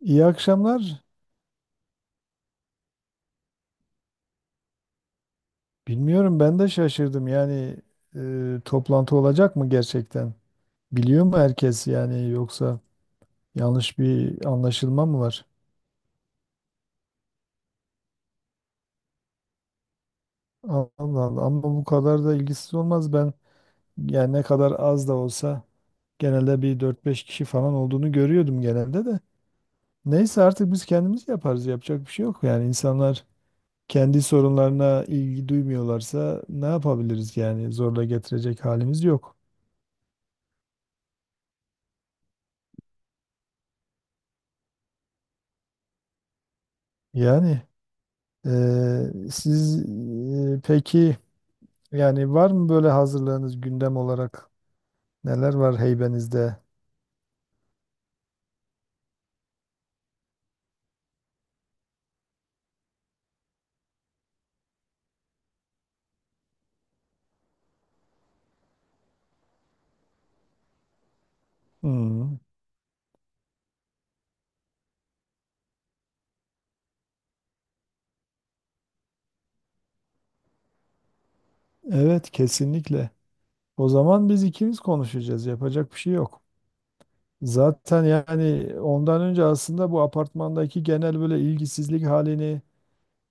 İyi akşamlar. Bilmiyorum ben de şaşırdım. Yani toplantı olacak mı gerçekten? Biliyor mu herkes yani yoksa yanlış bir anlaşılma mı var? Allah Allah, ama bu kadar da ilgisiz olmaz. Ben yani ne kadar az da olsa genelde bir dört beş kişi falan olduğunu görüyordum genelde de. Neyse artık biz kendimiz yaparız. Yapacak bir şey yok. Yani insanlar kendi sorunlarına ilgi duymuyorlarsa ne yapabiliriz yani zorla getirecek halimiz yok. Yani siz peki yani var mı böyle hazırlığınız gündem olarak neler var heybenizde? Hmm. Evet, kesinlikle. O zaman biz ikimiz konuşacağız. Yapacak bir şey yok. Zaten yani ondan önce aslında bu apartmandaki genel böyle ilgisizlik halini,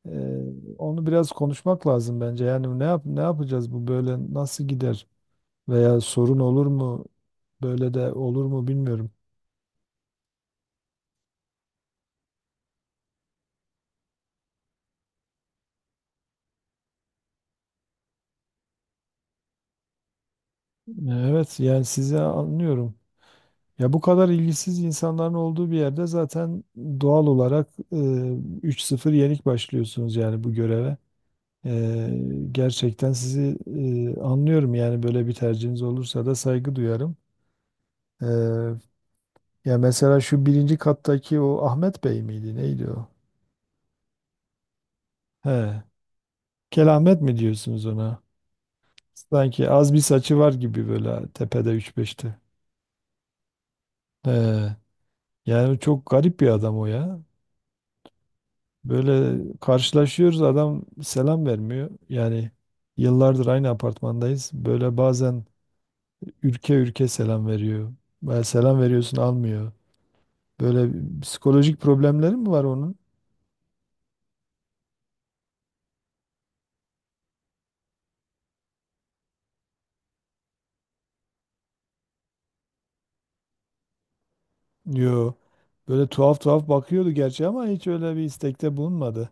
e, onu biraz konuşmak lazım bence. Yani ne yapacağız, bu böyle nasıl gider veya sorun olur mu, böyle de olur mu bilmiyorum. Evet yani sizi anlıyorum. Ya bu kadar ilgisiz insanların olduğu bir yerde zaten doğal olarak 3-0 yenik başlıyorsunuz yani bu göreve. Gerçekten sizi anlıyorum yani böyle bir tercihiniz olursa da saygı duyarım. E, Ya mesela şu birinci kattaki o Ahmet Bey miydi neydi o? He, Kelahmet mi diyorsunuz ona? Sanki az bir saçı var gibi böyle tepede 3-5'te. He, yani çok garip bir adam o ya. Böyle karşılaşıyoruz, adam selam vermiyor. Yani yıllardır aynı apartmandayız. Böyle bazen ülke ülke selam veriyor. Böyle selam veriyorsun almıyor. Böyle psikolojik problemleri mi var onun? Yo. Böyle tuhaf tuhaf bakıyordu gerçi ama hiç öyle bir istekte bulunmadı.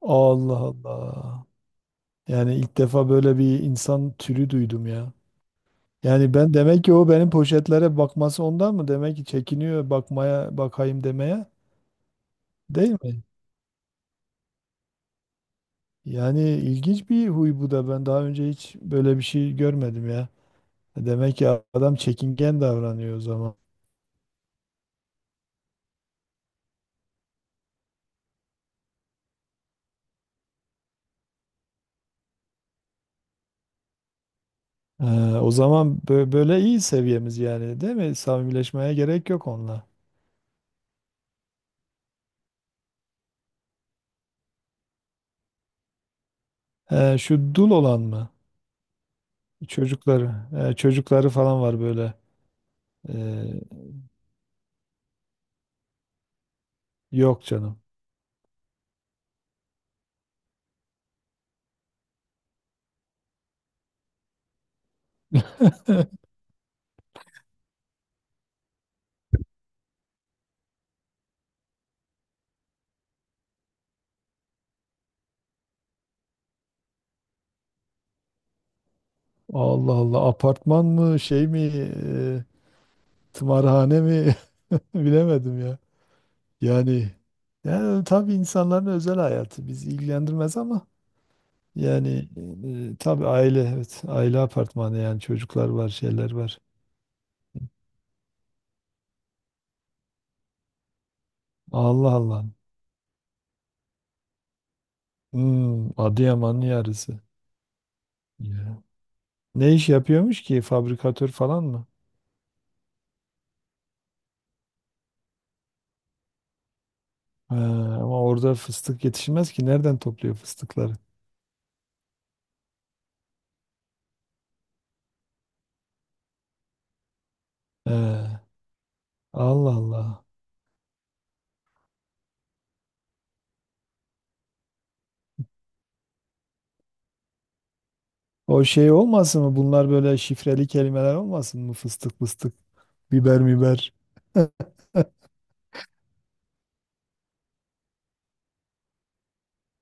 Allah Allah. Yani ilk defa böyle bir insan türü duydum ya. Yani ben demek ki o benim poşetlere bakması ondan mı? Demek ki çekiniyor bakmaya, bakayım demeye. Değil mi? Yani ilginç bir huy bu da. Ben daha önce hiç böyle bir şey görmedim ya. Demek ki adam çekingen davranıyor o zaman. Ee, O zaman böyle iyi seviyemiz yani, değil mi? Samimileşmeye gerek yok onunla. Şu dul olan mı? Çocukları. Çocukları falan var böyle. Ee, yok canım. Allah Allah, apartman mı şey mi, e, tımarhane mi bilemedim ya. Yani yani tabii insanların özel hayatı bizi ilgilendirmez ama. Yani tabii evet, aile apartmanı yani, çocuklar var, şeyler var. Allah Allah. Hmm, Adıyaman'ın yarısı. Ya. Ne iş yapıyormuş ki, fabrikatör falan mı? He, ama orada fıstık yetişmez ki, nereden topluyor fıstıkları? He, Allah Allah. O şey olmasın mı? Bunlar böyle şifreli kelimeler olmasın mı? Fıstık fıstık, biber miber.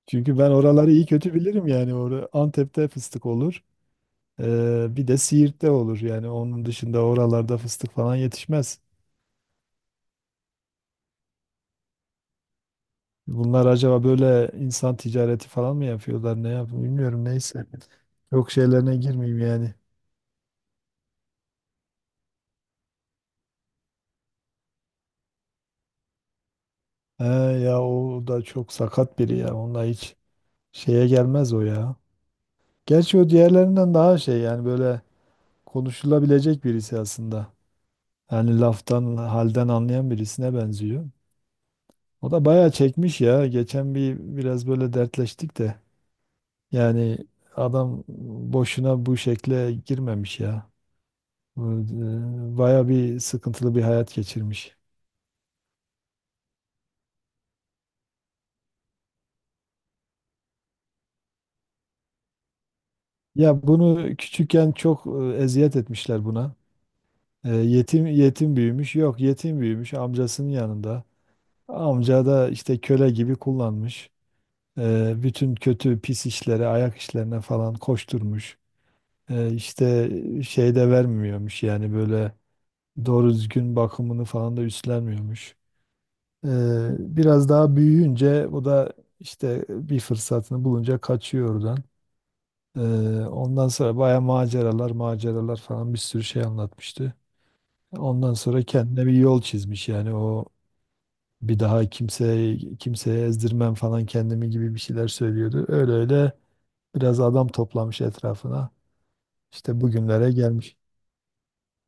Çünkü ben oraları iyi kötü bilirim yani. Orada Antep'te fıstık olur. Bir de Siirt'te olur yani, onun dışında oralarda fıstık falan yetişmez. Bunlar acaba böyle insan ticareti falan mı yapıyorlar, ne yapıyor bilmiyorum, neyse. Çok şeylerine girmeyeyim yani. He, ya o da çok sakat biri ya, onunla hiç şeye gelmez o ya. Gerçi o diğerlerinden daha şey yani, böyle konuşulabilecek birisi aslında. Yani laftan halden anlayan birisine benziyor. O da bayağı çekmiş ya. Geçen bir biraz böyle dertleştik de. Yani adam boşuna bu şekle girmemiş ya. Bu, Baya bir sıkıntılı bir hayat geçirmiş. Ya bunu küçükken çok eziyet etmişler buna. Yetim büyümüş. Yok, yetim büyümüş amcasının yanında. Amca da işte köle gibi kullanmış. Bütün kötü pis işlere, ayak işlerine falan koşturmuş. İşte şey de vermiyormuş yani, böyle doğru düzgün bakımını falan da üstlenmiyormuş. Biraz daha büyüyünce bu da işte bir fırsatını bulunca kaçıyor oradan. Ee, Ondan sonra baya maceralar maceralar falan bir sürü şey anlatmıştı. Ondan sonra kendine bir yol çizmiş yani, o bir daha kimseye ezdirmem falan kendimi gibi bir şeyler söylüyordu. Öyle öyle biraz adam toplamış etrafına. İşte bugünlere gelmiş.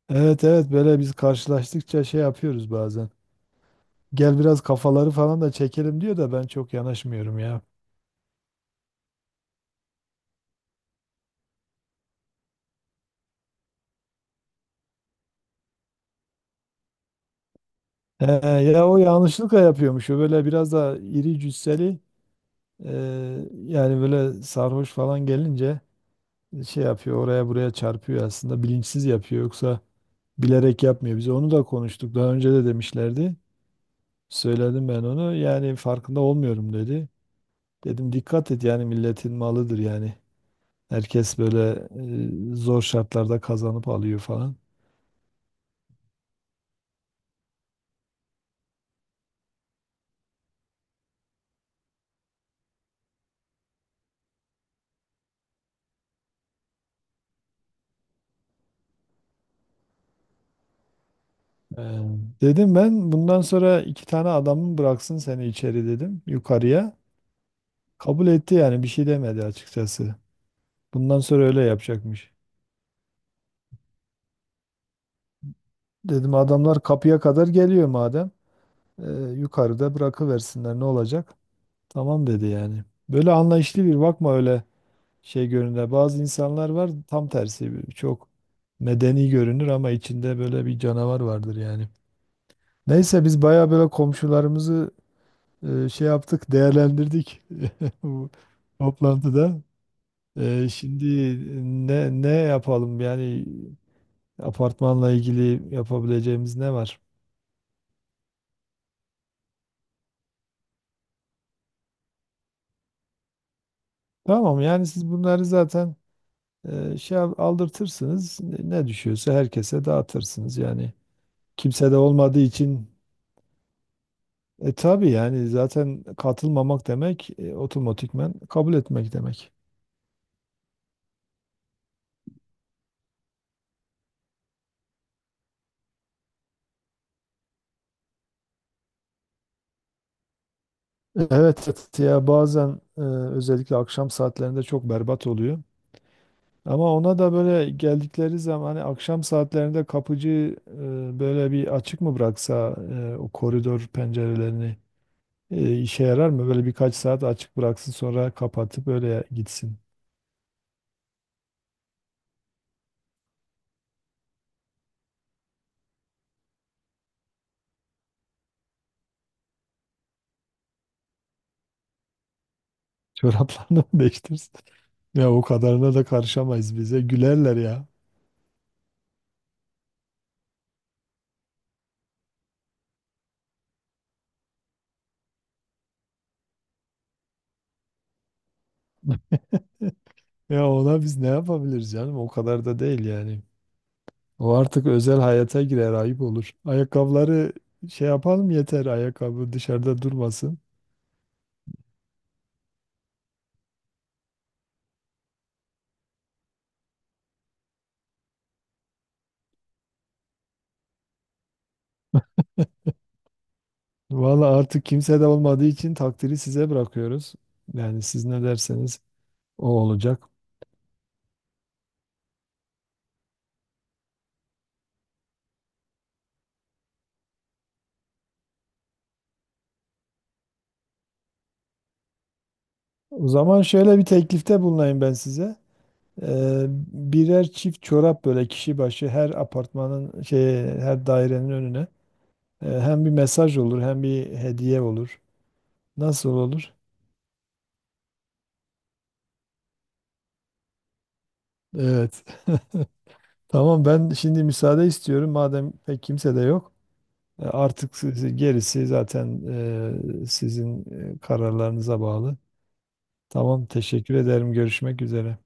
Evet evet, böyle biz karşılaştıkça şey yapıyoruz bazen. Gel biraz kafaları falan da çekelim diyor da, ben çok yanaşmıyorum ya. He, ya o yanlışlıkla yapıyormuş. O böyle biraz da iri cüsseli, e, yani böyle sarhoş falan gelince şey yapıyor, oraya buraya çarpıyor, aslında bilinçsiz yapıyor, yoksa bilerek yapmıyor. Biz onu da konuştuk daha önce de demişlerdi. Söyledim ben onu, yani farkında olmuyorum dedi. Dedim dikkat et yani, milletin malıdır yani. Herkes böyle zor şartlarda kazanıp alıyor falan. Ee, Dedim ben bundan sonra iki tane adamın bıraksın seni içeri, dedim, yukarıya. Kabul etti yani, bir şey demedi açıkçası. Bundan sonra öyle yapacakmış. Dedim adamlar kapıya kadar geliyor madem, e, yukarıda bırakıversinler, ne olacak? Tamam dedi yani. Böyle anlayışlı bir bakma öyle şey görünür. Bazı insanlar var tam tersi, çok medeni görünür ama içinde böyle bir canavar vardır yani. Neyse biz baya böyle komşularımızı şey yaptık, değerlendirdik bu toplantıda. Şimdi ne yapalım yani, apartmanla ilgili yapabileceğimiz ne var? Tamam yani, siz bunları zaten aldırtırsınız. Ne düşüyorsa herkese dağıtırsınız yani. Kimse de olmadığı için tabii yani, zaten katılmamak demek otomatikman kabul etmek demek. Evet, evet, ya bazen özellikle akşam saatlerinde çok berbat oluyor. Ama ona da böyle geldikleri zaman, hani akşam saatlerinde kapıcı böyle bir açık mı bıraksa o koridor pencerelerini, işe yarar mı? Böyle birkaç saat açık bıraksın, sonra kapatıp öyle gitsin. Çoraplarını mı değiştirsin? Ya o kadarına da karışamayız bize. Gülerler ya. Ya ona biz ne yapabiliriz canım? O kadar da değil yani. O artık özel hayata girer, ayıp olur. Ayakkabıları şey yapalım yeter, ayakkabı dışarıda durmasın. Valla artık kimse de olmadığı için takdiri size bırakıyoruz. Yani siz ne derseniz o olacak. O zaman şöyle bir teklifte bulunayım ben size. Ee, birer çift çorap böyle kişi başı her apartmanın şey her dairenin önüne. Hem bir mesaj olur hem bir hediye olur. Nasıl olur? Evet. Tamam, ben şimdi müsaade istiyorum. Madem pek kimse de yok. Artık gerisi zaten sizin kararlarınıza bağlı. Tamam, teşekkür ederim. Görüşmek üzere.